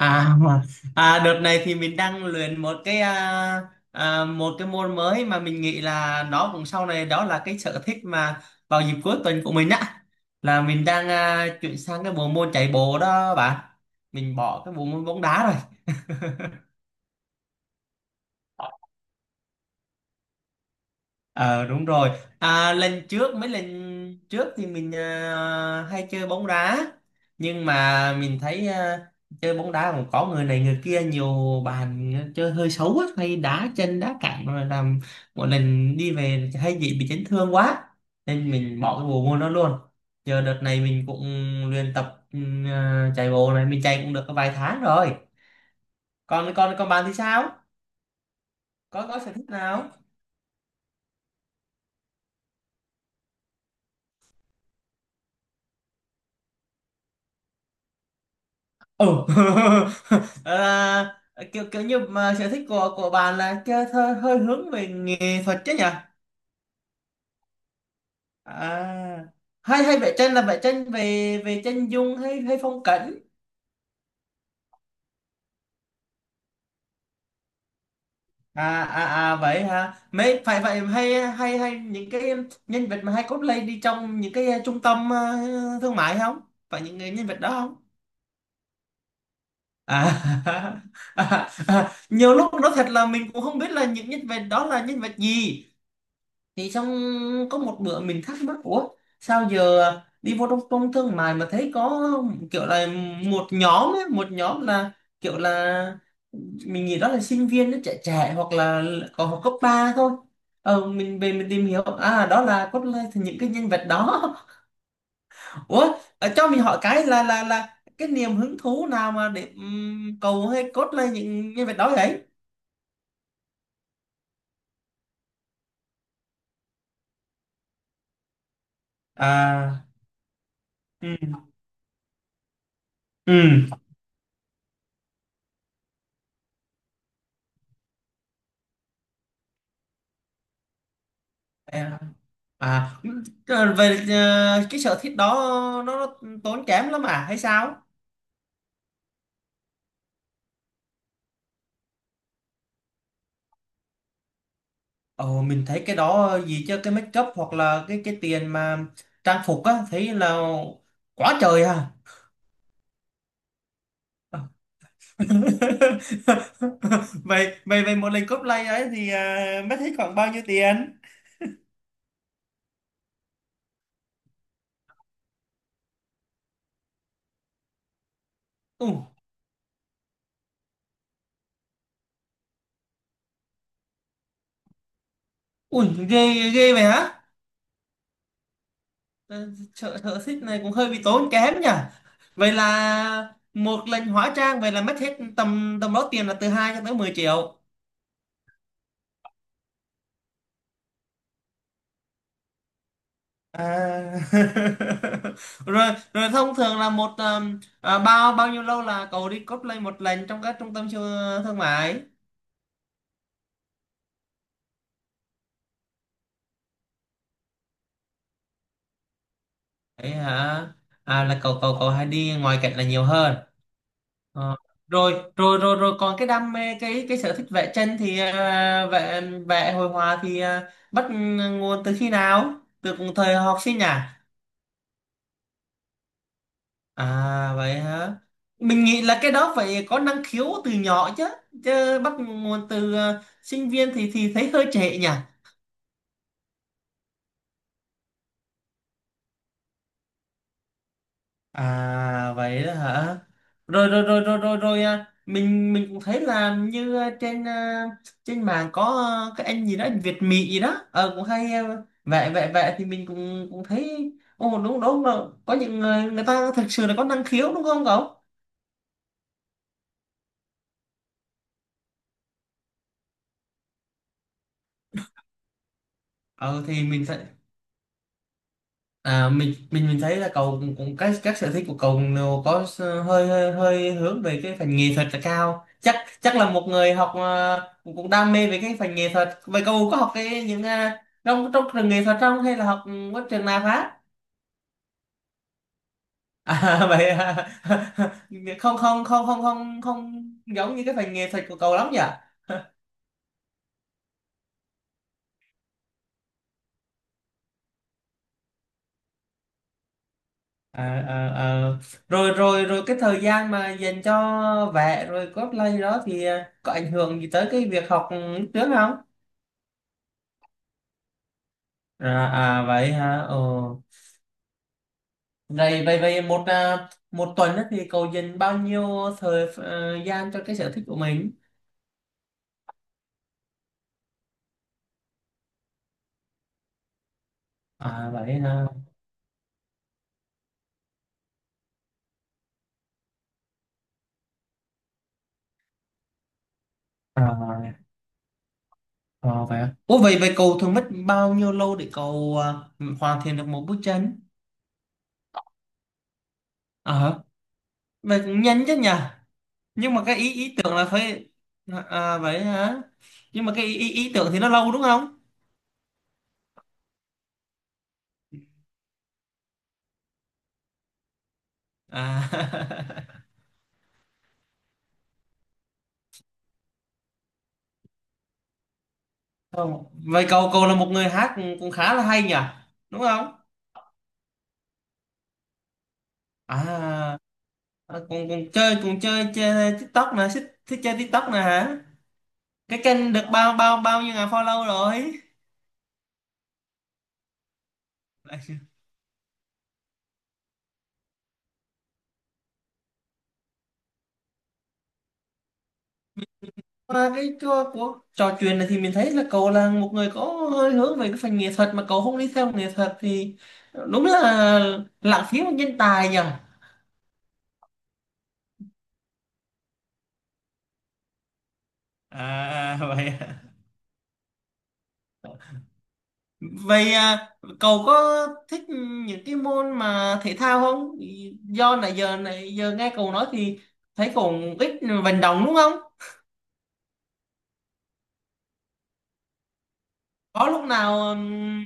À, à, đợt này thì mình đang luyện một cái một cái môn mới mà mình nghĩ là nó cũng sau này đó là cái sở thích mà vào dịp cuối tuần của mình á, là mình đang chuyển sang cái bộ môn chạy bộ đó bạn. Mình bỏ cái bộ môn bóng đá rồi. Ờ, đúng rồi. À, lần trước mấy lần trước thì mình hay chơi bóng đá, nhưng mà mình thấy chơi bóng đá cũng có người này người kia, nhiều bàn chơi hơi xấu á, hay đá chân đá cẳng rồi làm một lần đi về hay bị chấn thương quá nên mình bỏ cái bộ môn đó luôn. Giờ đợt này mình cũng luyện tập chạy bộ này, mình chạy cũng được có vài tháng rồi. Còn còn còn bạn thì sao? Có sở thích nào? Ồ. à, kiểu kiểu như mà sở thích của bạn là chơi hơi hướng về nghệ thuật chứ nhỉ? À, hay hay vẽ tranh là vẽ tranh về về chân dung hay hay phong cảnh? À, vậy hả? Mấy phải vậy, hay hay hay những cái nhân vật mà hay cosplay đi trong những cái trung tâm thương mại không? Phải những người nhân vật đó không? À. Nhiều lúc nó thật là mình cũng không biết là những nhân vật đó là nhân vật gì, thì xong có một bữa mình thắc mắc, ủa sao giờ đi vô trong trung thương mại mà thấy có kiểu là một nhóm ấy, một nhóm là kiểu là mình nghĩ đó là sinh viên nó trẻ trẻ hoặc là còn học cấp 3 thôi. Mình về mình tìm hiểu đó là thì những cái nhân vật đó. Ủa, cho mình hỏi cái là cái niềm hứng thú nào mà để cầu hay cốt lên những nhân vật đó vậy? À. Ừ. Ừ. À, à, trời, về cái sở thích đó nó, tốn kém lắm à hay sao? Ồ, mình thấy cái đó gì chứ cái make up hoặc là cái tiền mà trang phục á thấy là quá trời à. Vậy vậy vậy một lần cosplay ấy thì mất hết khoảng bao nhiêu tiền? Ui, ui, ghê ghê vậy hả? Ờ, Sở sở thích này cũng hơi bị tốn kém nhỉ. Vậy là một lần hóa trang vậy là mất hết tầm tầm đó, tiền là từ 2 cho tới 10 triệu. À. rồi rồi Thông thường là một bao bao nhiêu lâu là cậu đi cosplay một lần trong các trung tâm siêu thương mại? Ấy hả? Là cậu cậu cậu hay đi ngoài cảnh là nhiều hơn? Ờ. rồi rồi rồi rồi Còn cái đam mê, cái sở thích vẽ tranh thì vẽ vẽ hội họa thì bắt nguồn từ khi nào, từ thời học sinh nhỉ? À vậy hả? Mình nghĩ là cái đó phải có năng khiếu từ nhỏ chứ. Chứ bắt nguồn từ sinh viên thì thấy hơi trễ nhỉ. À vậy đó hả? Rồi rồi rồi rồi rồi rồi à. Mình cũng thấy là như trên trên mạng có cái anh gì đó, anh Việt Mỹ gì đó. Ờ, cũng hay vẽ vẽ vẽ thì mình cũng cũng thấy, ồ, đúng đúng là có những người người ta thực sự là có năng khiếu đúng không cậu? Ờ thì mình sẽ. À, mình thấy là cậu cũng, cũng các sở thích của cậu đều có hơi hơi hơi hướng về cái phần nghệ thuật là cao, chắc chắc là một người học ờ, cũng, cũng đam mê về cái phần nghệ thuật. Vậy cậu có học cái những trong trong trường nghệ thuật không hay là học bất trường nào khác? À. Vậy à. Không, không, không, không, không, không giống như cái phần nghệ thuật của cậu lắm nhỉ. À, à, à. Rồi rồi rồi Cái thời gian mà dành cho vẽ rồi cosplay đó thì có ảnh hưởng gì tới cái việc học lúc trước không? À, vậy hả? Ờ. Vậy vậy vậy một một tuần á thì cậu dành bao nhiêu thời gian cho cái sở thích của mình? À vậy hả? À, à, vậy hả? Ủa, vậy vậy cậu thường mất bao nhiêu lâu để cậu hoàn thiện được một bức tranh? À, vậy cũng nhanh chứ nhỉ? Nhưng mà cái ý ý tưởng là phải. À vậy hả? Nhưng mà cái ý, ý ý tưởng thì nó lâu đúng không? À. Không. Vậy cậu cậu là một người hát cũng cũng khá là hay nhỉ? Đúng không? À À, còn còn chơi, chơi TikTok nè, thích chơi TikTok nè hả? Cái kênh được bao bao bao nhiêu ngàn follow rồi? Qua cái của trò chuyện này thì mình thấy là cậu là một người có hơi hướng về cái phần nghệ thuật mà cậu không đi theo nghệ thuật thì đúng là lãng phí một nhân tài nhỉ. À vậy à. Vậy à, cậu có thích những cái môn mà thể thao không? Do nãy giờ nghe cậu nói thì thấy cậu ít vận động đúng không? Có lúc nào ừm,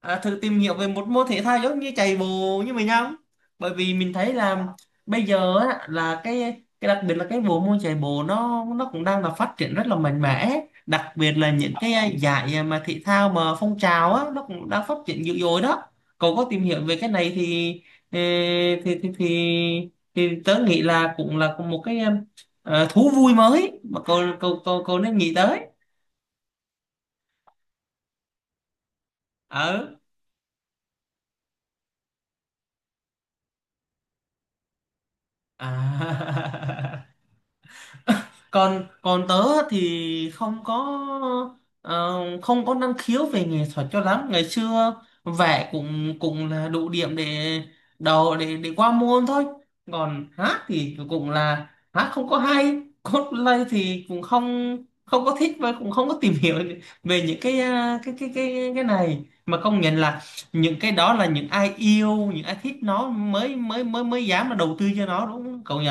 à, thử tìm hiểu về một môn thể thao giống như chạy bộ như mình không? Bởi vì mình thấy là bây giờ á, là cái đặc biệt là cái bộ môn chạy bộ nó cũng đang là phát triển rất là mạnh mẽ, đặc biệt là những cái giải mà thể thao mà phong trào á, nó cũng đang phát triển dữ dội đó. Cậu có tìm hiểu về cái này thì ờ, thì thì thì, thì tớ nghĩ là cũng là một cái thú vui mới mà cậu cậu cậu cậu nên nghĩ tới. Ở à. còn còn tớ thì không có ờ, không có năng khiếu về nghệ thuật cho lắm. Ngày xưa vẽ cũng cũng là đủ điểm để đầu để qua môn thôi. Còn hát thì cũng là hát không có hay. Cosplay thì cũng không không có thích và cũng không có tìm hiểu về những cái cái này. Mà công nhận là những cái đó là những ai yêu, những ai thích nó mới mới mới mới dám là đầu tư cho nó, đúng không cậu nhỉ?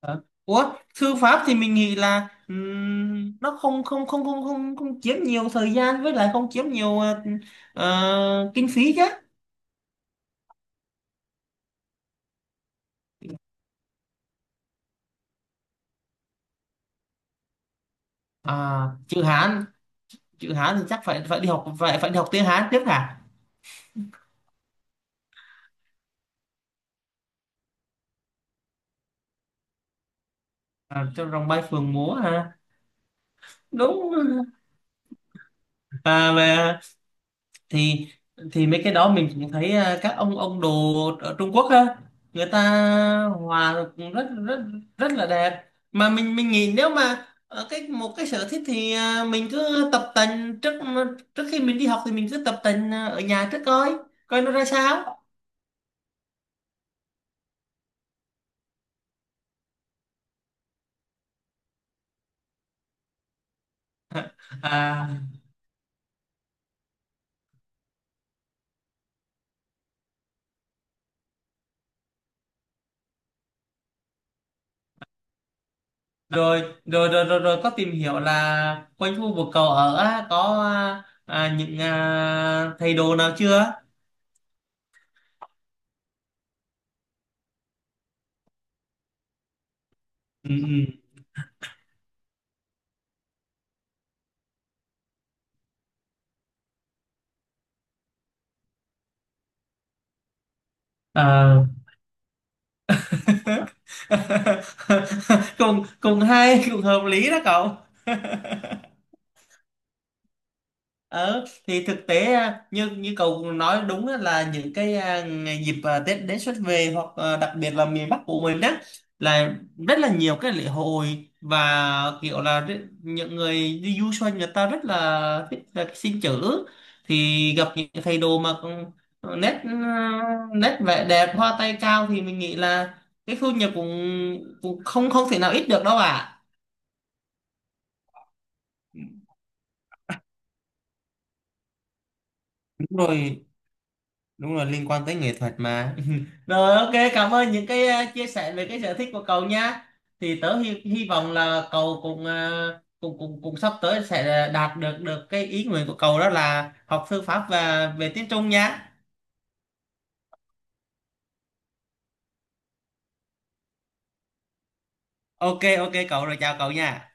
Ờ. Ủa, thư pháp thì mình nghĩ là nó không không không không không không chiếm nhiều thời gian, với lại không chiếm nhiều kinh phí chứ. à, chữ Hán chữ Hán thì chắc phải phải đi học phải phải đi học tiếng Hán trước hả? Trong rồng bay phượng múa hả? Đúng. Về thì thì mấy cái đó mình cũng thấy, các ông đồ ở Trung Quốc á, người ta hòa cũng rất rất rất là đẹp. Mà mình nghĩ nếu mà ở cái một cái sở thích thì mình cứ tập tành trước trước khi mình đi học. Thì mình cứ tập tành ở nhà trước coi coi nó ra sao. À, rồi rồi rồi rồi, rồi có tìm hiểu là quanh khu vực cậu ở á, có những thầy đồ nào chưa? Ừ. Ừ. À. cùng cùng hay, cùng hợp lý đó cậu. Ờ thì thực tế như như cậu nói đúng á, là những cái ngày dịp Tết đến xuân về, hoặc đặc biệt là miền Bắc của mình đó, là rất là nhiều cái lễ hội và kiểu là những người đi du xuân, người ta rất là thích là cái xin chữ thì gặp những cái thầy đồ mà còn nét à, nét vẻ đẹp hoa tay cao thì mình nghĩ là cái thu nhập cũng cũng không không thể nào ít được đâu ạ. Đúng rồi, đúng rồi, liên quan tới nghệ thuật mà. Rồi, ok, cảm ơn những cái chia sẻ về cái sở thích của cậu nhá. Thì tớ hy vọng là cậu cũng cũng sắp tới sẽ đạt được được cái ý nguyện của cậu đó là học thư pháp và về tiếng Trung nhá. Ok Ok cậu rồi, chào cậu nha.